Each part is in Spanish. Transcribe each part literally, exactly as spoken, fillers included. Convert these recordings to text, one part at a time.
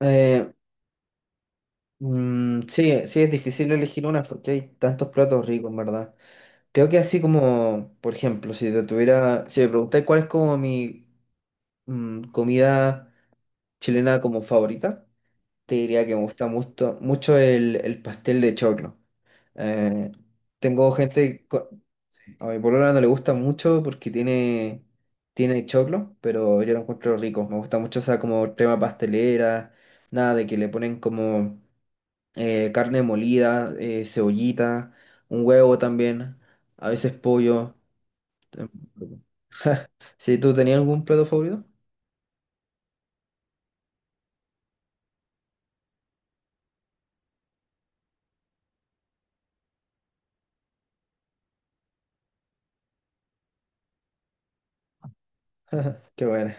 Eh, mm, sí, sí, es difícil elegir una porque hay tantos platos ricos, en verdad. Creo que así como, por ejemplo, si te tuviera, si me preguntáis cuál es como mi mm, comida chilena como favorita, te diría que me gusta mucho, mucho el, el pastel de choclo. Eh, Tengo gente, co- a mi polola no le gusta mucho porque tiene, tiene choclo, pero yo lo encuentro rico. Me gusta mucho esa como crema pastelera, nada de que le ponen como eh, carne molida, eh, cebollita, un huevo también, a veces pollo. em, ¿Sí tú tenías algún plato favorito? Qué bueno.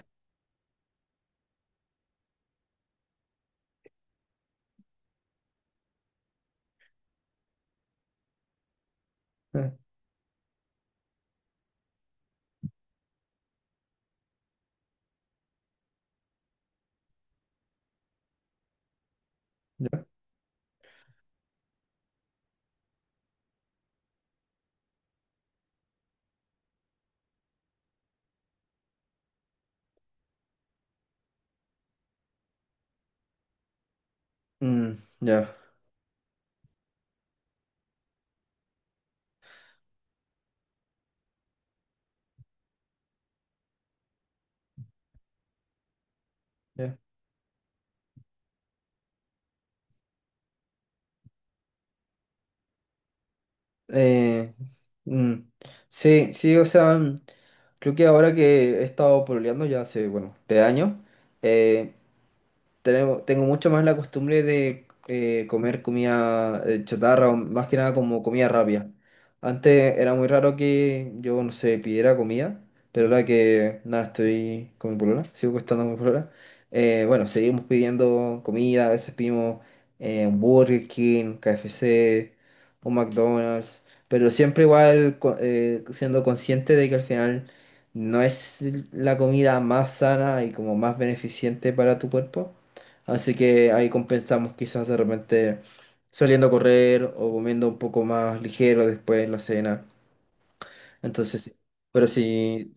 Mm, ya, ya. Eh, mm, sí, sí, o sea, mm, creo que ahora que he estado pololeando ya hace, bueno, tres años, tenemos- tengo mucho más la costumbre de eh, comer comida eh, chatarra, o más que nada como comida rápida. Antes era muy raro que yo, no sé, pidiera comida, pero ahora que nada, estoy con mi polola, sigo costando con mi polola. Eh, bueno, seguimos pidiendo comida, a veces pedimos eh, un Burger King, K F C, un McDonald's, pero siempre igual co- eh, siendo consciente de que al final no es la comida más sana y como más beneficiente para tu cuerpo. Así que ahí compensamos quizás de repente saliendo a correr o comiendo un poco más ligero después en la cena. Entonces, sí, pero sí,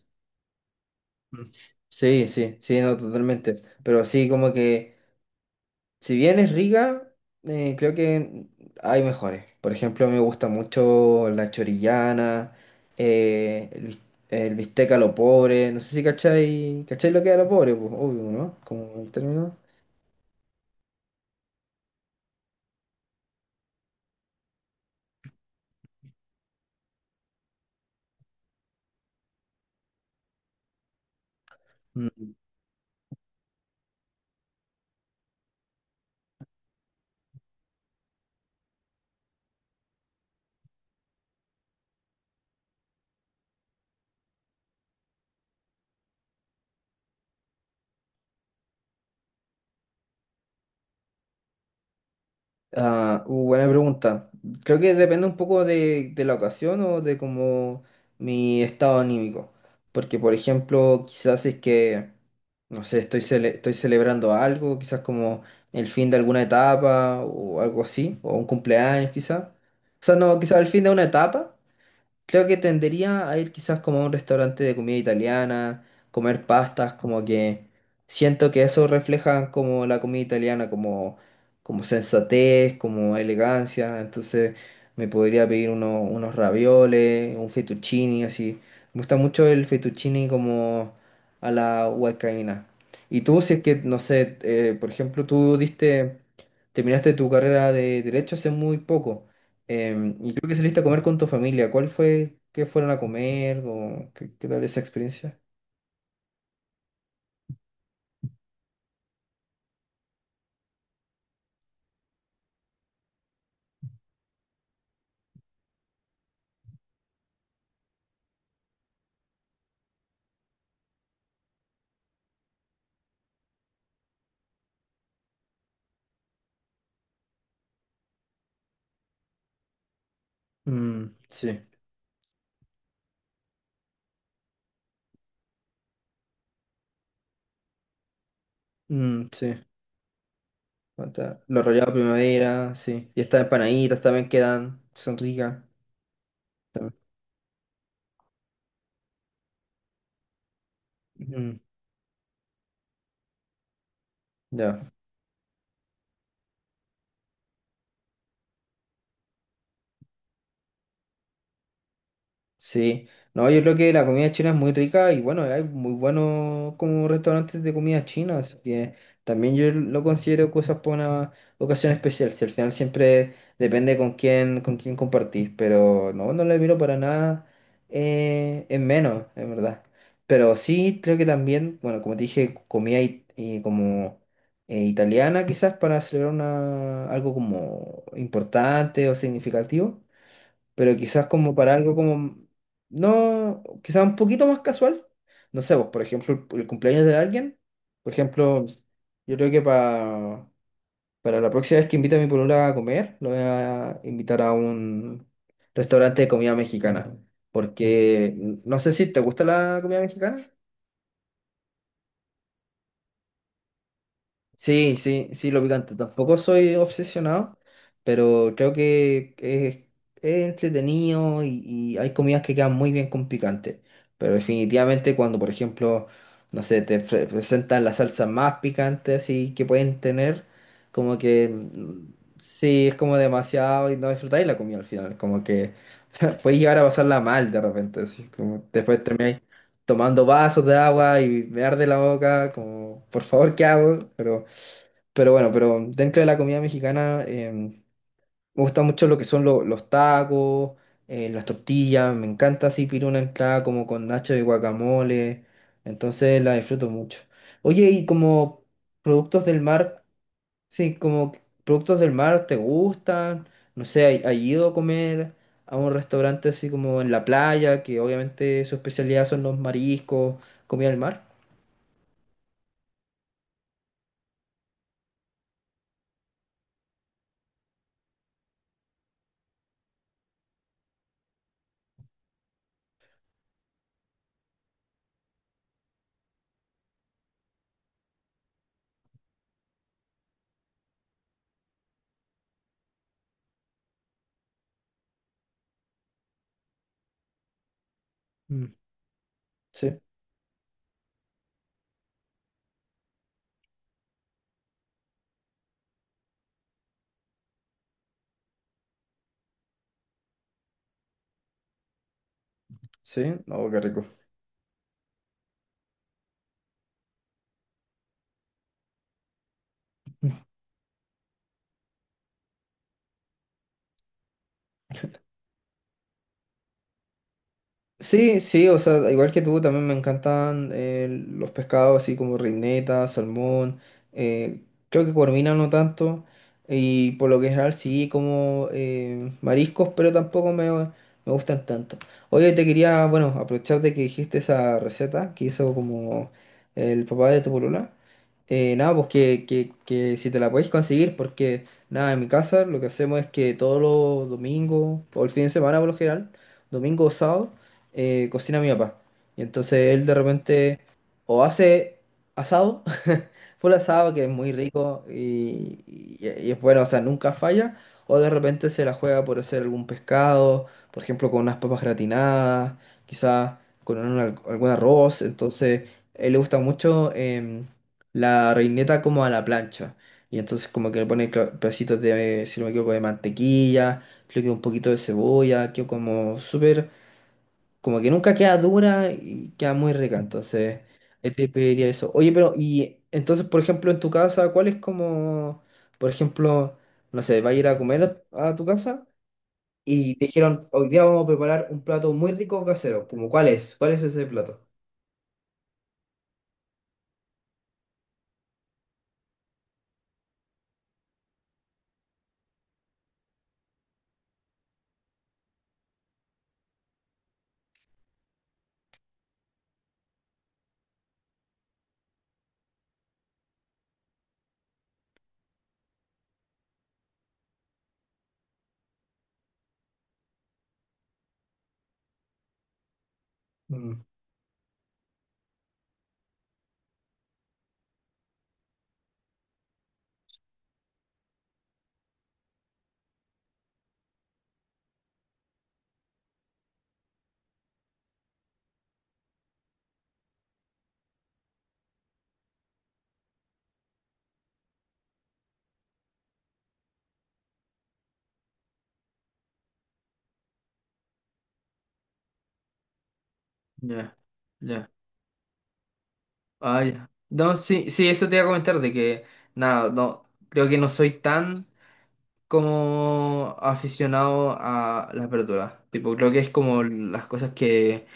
mm, sí, sí, sí, no, totalmente. Pero así como que, si bien es rica, eh, creo que hay mejores. Por ejemplo, me gusta mucho la chorillana, eh, el, bis- el bistec a lo pobre. No sé si cachai, cachai lo que es a lo pobre, pues, obvio, ¿no? Como el término. Ah, uh, buena pregunta. Creo que depende un poco de, de la ocasión o de como mi estado anímico. Porque, por ejemplo, quizás si es que, no sé, estoy, cele- estoy celebrando algo, quizás como el fin de alguna etapa o algo así, o un cumpleaños quizás. O sea, no, quizás el fin de una etapa. Creo que tendería a ir quizás como a un restaurante de comida italiana, comer pastas, como que siento que eso refleja como la comida italiana, como, como sensatez, como elegancia. Entonces me podría pedir uno- unos ravioles, un fettuccini, así. Me gusta mucho el fettuccini como a la huancaína. Y tú, si es que, no sé, eh, por ejemplo, tú diste, terminaste tu carrera de derecho hace muy poco. Em, y creo que saliste a comer con tu familia. ¿Cuál fue? ¿Qué fueron a comer? ¿O qué, qué tal esa experiencia? Mm, sí. Mm, sí. Aguanta. Los rallados primavera, sí. Y estas empanaditas también quedan. Son ricas. También. Mm, ya. Sí, no, yo creo que la comida china es muy rica y bueno, hay muy buenos como restaurantes de comida china, así que también yo lo considero cosas para una ocasión especial, si al final siempre depende con quién, con quién compartir, pero no, no le miro para nada eh, en menos, en verdad. Pero sí, creo que también, bueno, como te dije, comida it- y como eh, italiana quizás para celebrar una, algo como importante o significativo, pero quizás como para algo como, no, quizás un poquito más casual. No sé, vos por ejemplo, el, el cumpleaños de alguien, por ejemplo, yo creo que pa- para la próxima vez que invite a mi polola a comer, lo voy a invitar a un restaurante de comida mexicana, porque no sé si te gusta la comida mexicana. Sí, sí, sí, lo picante. Tampoco soy obsesionado, pero creo que es, es entretenido y, y hay comidas que quedan muy bien con picante. Pero definitivamente cuando, por ejemplo, no sé, te pre- presentan las salsas más picantes y que pueden tener, como que mm, sí, es como demasiado y no disfrutáis la comida al final. Como que puedes llegar a pasarla mal de repente, así como después termináis tomando vasos de agua y me arde la boca, como, por favor, ¿qué hago? Pero... Pero bueno, pero dentro de la comida mexicana em, me gusta mucho lo que son lo- los tacos, eh, las tortillas, me encanta así pedir una entrada como con nacho de guacamole, entonces la disfruto mucho. Oye, y como productos del mar, sí, como que- productos del mar, ¿te gustan? No sé, ¿hay- ¿has ido a comer a un restaurante así como en la playa, que obviamente su especialidad son los mariscos, comida del mar? Mm. Sí, sí, no, qué rico. Sí, sí, o sea, igual que tú, también me encantan eh, los pescados así como reineta, salmón, eh, creo que corvina no tanto, y por lo que general sí como eh, mariscos, pero tampoco me, me gustan tanto. Oye, te quería, bueno, aprovechar de que dijiste esa receta que hizo como el papá de tu polola, eh, nada, pues que, que, que si te la podéis conseguir, porque nada, en mi casa lo que hacemos es que todos los domingos, o el fin de semana por lo general, domingo o sábado, eh, cocina mi papá. Y entonces él de repente o hace asado, full asado que es muy rico y, y- y es bueno, o sea, nunca falla, o de repente se la juega por hacer algún pescado, por ejemplo, con unas papas gratinadas, quizás con un al- algún arroz. Entonces, a él le gusta mucho em, la reineta como a la plancha. Y entonces como que le pone cla- pedacitos de, si no me equivoco, de mantequilla, creo que un poquito de cebolla, que como súper como que nunca queda dura y queda muy rica, entonces ahí te pediría eso. Oye, pero y entonces, por ejemplo, en tu casa, ¿cuál es como, por ejemplo, no sé, vas a ir a comer a, a tu casa y te dijeron, hoy día vamos a preparar un plato muy rico casero, como cuál es? ¿Cuál es ese plato? Mm, ya, ya. Ah, ya. No, sí, sí, eso te iba a comentar de que, nada, no, creo que no soy tan como aficionado a las verduras. Tipo, creo que es como las cosas que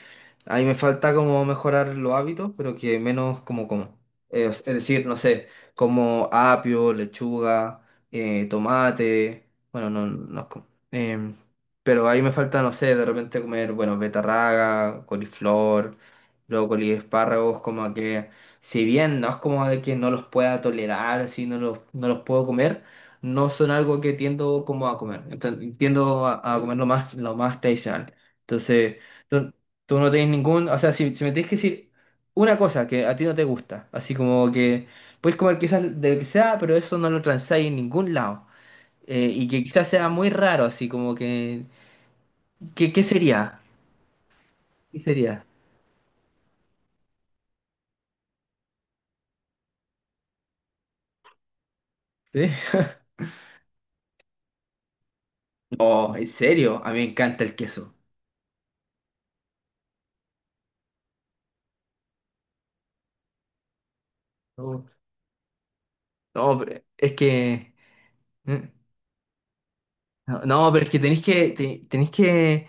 ahí me falta como mejorar los hábitos, pero que menos como como. Eh, es es decir, no sé, como apio, lechuga, eh, tomate. Bueno, no, no es como- em, pero ahí me falta, no sé, de repente comer, bueno, betarraga, coliflor, brócoli, espárragos, como que si bien no es como de que no los pueda tolerar, así no los, no los puedo comer, no son algo que tiendo como a comer. Enten- tiendo a, a comer lo más, lo más tradicional. Entonces, tú, tú no tenés ningún, o sea, si, si me tenés que decir una cosa que a ti no te gusta, así como que puedes comer quizás de lo que sea, pero eso no lo transáis en ningún lado. Eh, y que quizás sea muy raro, así como que, qué ¿qué sería? ¿Qué sería? ¿Sí? Oh, ¿en serio? A mí me encanta el queso. No, no, pero es que... mm, No, no, pero es que tenéis que, te- tenéis que,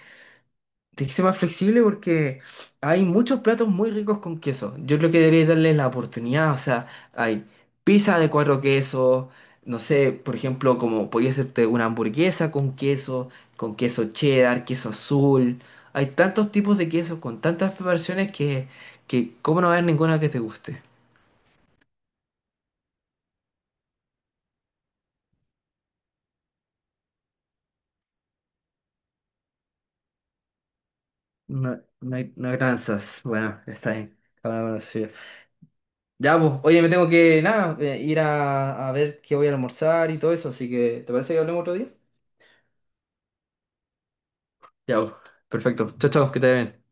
tenéis que ser más flexible porque hay muchos platos muy ricos con queso. Yo creo que deberíais darle la oportunidad. O sea, hay pizza de cuatro quesos. No sé, por ejemplo, como podía hacerte una hamburguesa con queso, con queso cheddar, queso azul. Hay tantos tipos de quesos con tantas preparaciones que, que cómo no va a haber ninguna que te guste. No, no hay, no hay tranzas. Bueno, está bien. Cada uno lo suyo. Ya, pues, oye, me tengo que, nada, eh, ir a, a ver qué voy a almorzar y todo eso, así que, ¿te parece que hablemos otro día? Ya, pues, perfecto. Chao, chao, que te vaya bien.